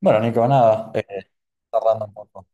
Bueno, Nico, nada, cerrando un poco.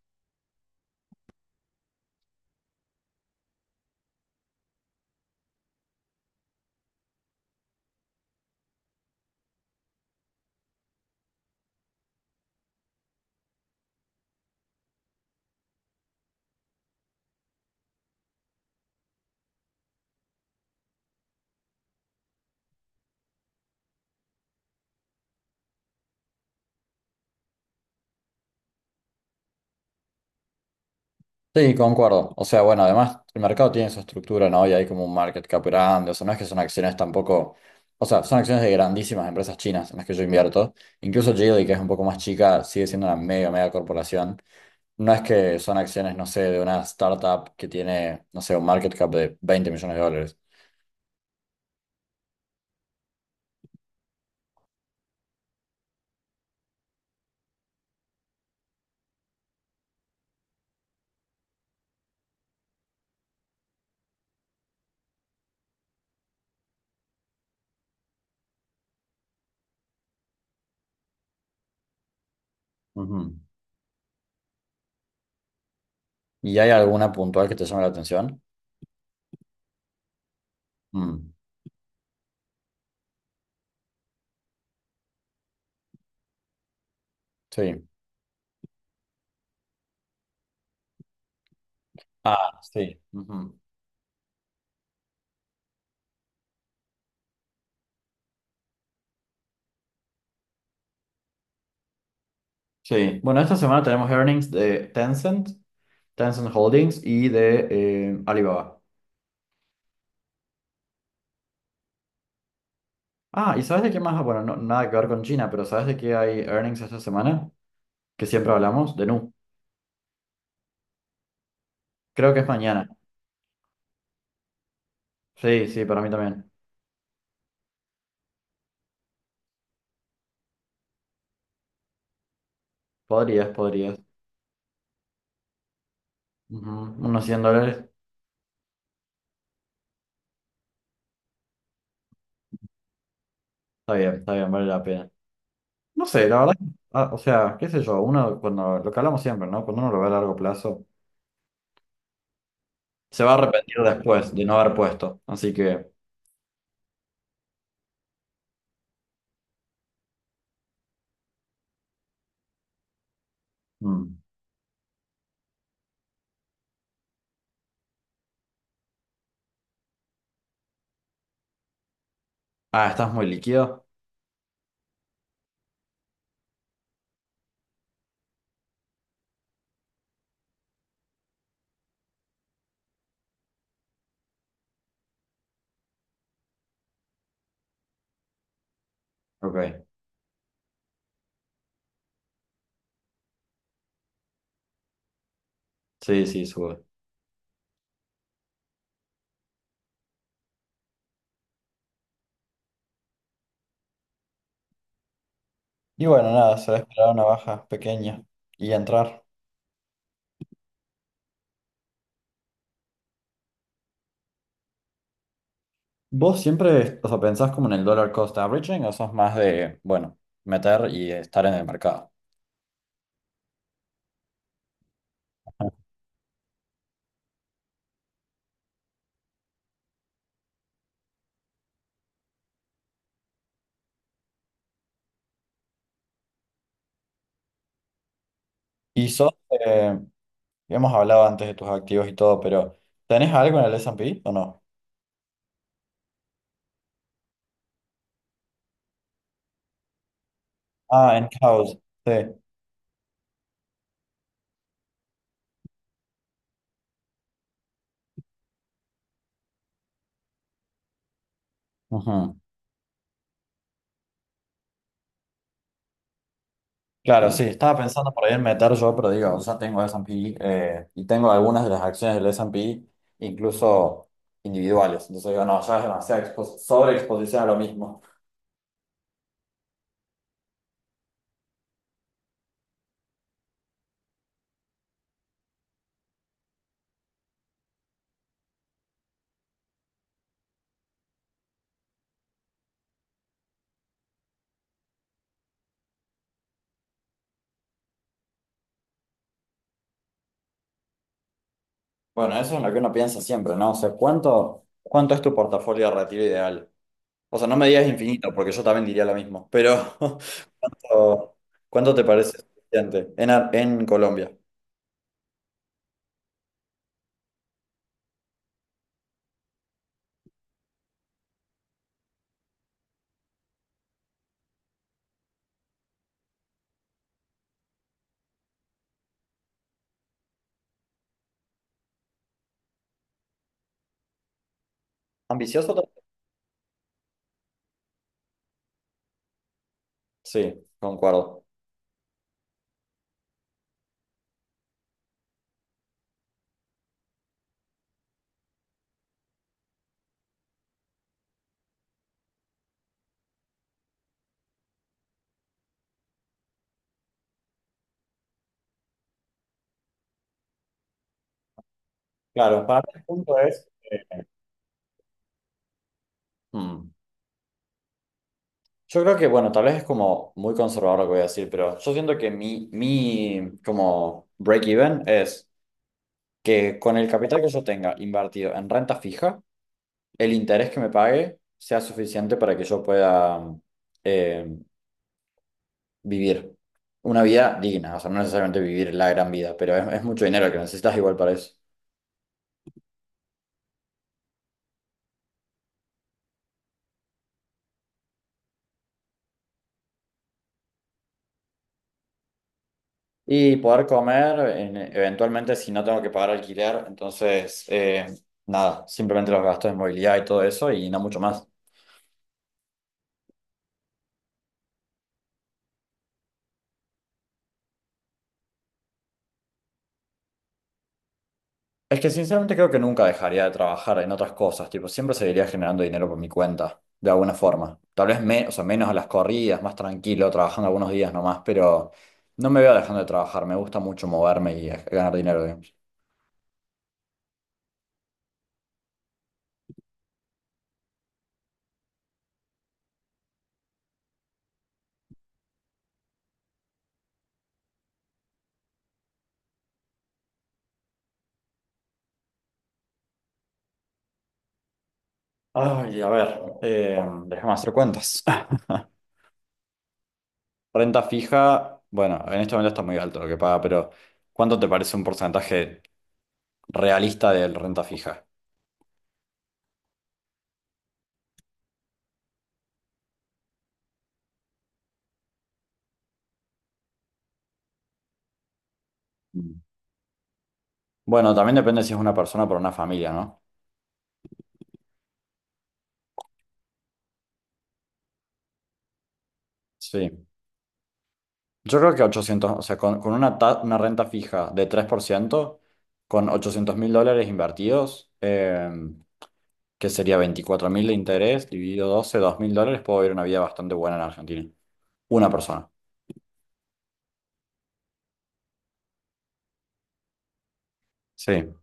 Sí, concuerdo. O sea, bueno, además el mercado tiene su estructura, ¿no? Y hay como un market cap grande. O sea, no es que son acciones tampoco. O sea, son acciones de grandísimas empresas chinas en las que yo invierto. Incluso Geely, que es un poco más chica, sigue siendo una mega, mega corporación. No es que son acciones, no sé, de una startup que tiene, no sé, un market cap de 20 millones de dólares. Ujú. ¿Y hay alguna puntual que te llame la atención? Mm, sí. Ah, sí. Ujú. Sí, bueno, esta semana tenemos earnings de Tencent, Tencent Holdings y de Alibaba. Ah, ¿y sabes de qué más? Bueno, nada que ver con China, pero ¿sabes de qué hay earnings esta semana? Que siempre hablamos, de Nu. Creo que es mañana. Sí, sí, para mí también. Podrías, podrías. Ujú, unos 100 dólares. Está bien, vale la pena. No sé, la verdad, ah, o sea, qué sé yo, uno cuando, lo que hablamos siempre, ¿no? Cuando uno lo ve a largo plazo, se va a arrepentir después de no haber puesto. Así que... mm. Ah, estás muy líquido. Ok. Sí, sí, sube. Y bueno, nada, será esperar una baja pequeña y entrar. ¿Vos siempre, o sea, pensás como en el dollar cost averaging o sos más de, bueno, meter y estar en el mercado? Ajá. Y sos, eh, hemos hablado antes de tus activos y todo, pero ¿tenés algo en el S&P o no? Ah, en house, sí. Ujú. Claro, sí, estaba pensando por ahí en meter yo, pero digo, ya tengo S&P y tengo algunas de las acciones del S&P, incluso individuales. Entonces digo, no, ya es demasiada sobreexposición a lo mismo. Bueno, eso es lo que uno piensa siempre, ¿no? O sea, ¿cuánto, cuánto es tu portafolio de retiro ideal? O sea, no me digas infinito, porque yo también diría lo mismo, pero o, ¿cuánto te parece suficiente en, en Colombia? ¿Ambicioso? También. Sí, concuerdo. Claro, para mí el punto es... hmm, yo creo que, bueno, tal vez es como muy conservador lo que voy a decir, pero yo siento que mi como break-even es que con el capital que yo tenga invertido en renta fija, el interés que me pague sea suficiente para que yo pueda eh, vivir una vida digna, o sea, no necesariamente vivir la gran vida, pero es mucho dinero el que necesitas igual para eso. Y poder comer, eventualmente, si no tengo que pagar alquiler, entonces, nada, simplemente los gastos de movilidad y todo eso y no mucho más. Es que sinceramente creo que nunca dejaría de trabajar en otras cosas, tipo, siempre seguiría generando dinero por mi cuenta, de alguna forma. O sea, menos a las corridas, más tranquilo, trabajando algunos días nomás, pero no me veo dejando de trabajar, me gusta mucho moverme y ganar dinero, digamos. Ay, a ver, déjame hacer cuentas. Renta fija, bueno, en este momento está muy alto lo que paga, pero ¿cuánto te parece un porcentaje realista de renta fija? Mm. Bueno, también depende si es una persona por una familia, ¿no? Sí. Yo creo que ochocientos, o sea, con una, una renta fija de 3% con 800.000 dólares invertidos, que sería 24.000 de interés, dividido 12, 2.000 dólares, puedo vivir una vida bastante buena en Argentina. Una persona. Sí.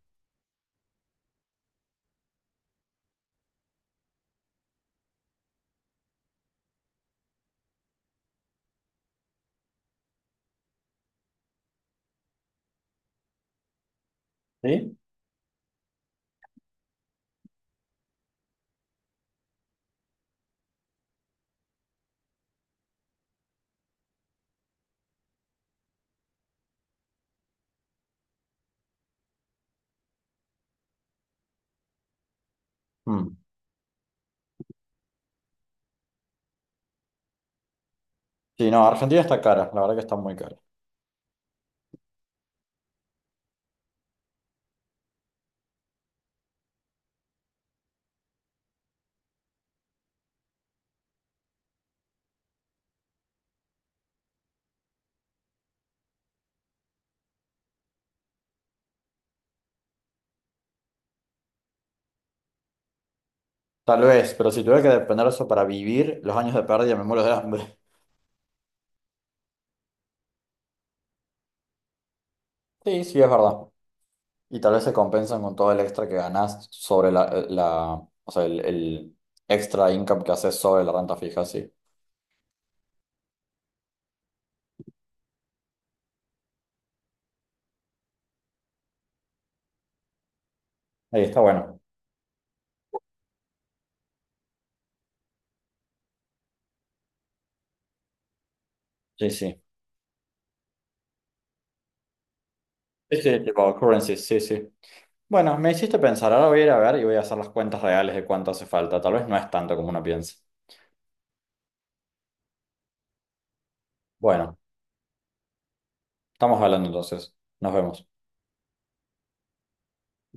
¿Sí? Mm. Sí, no, Argentina está cara, la verdad que está muy cara. Tal vez, pero si tuviera que depender de eso para vivir, los años de pérdida me muero de hambre. Sí, sí, es verdad. Y tal vez se compensan con todo el extra que ganas sobre o sea, el extra income que haces sobre la renta fija, sí. Ahí está bueno. Sí, sí. Sí, sí, tipo currencies, sí, sí. Bueno, me hiciste pensar, ahora voy a ir a ver y voy a hacer las cuentas reales de cuánto hace falta. Tal vez no es tanto como uno piensa. Bueno, estamos hablando entonces. Nos vemos.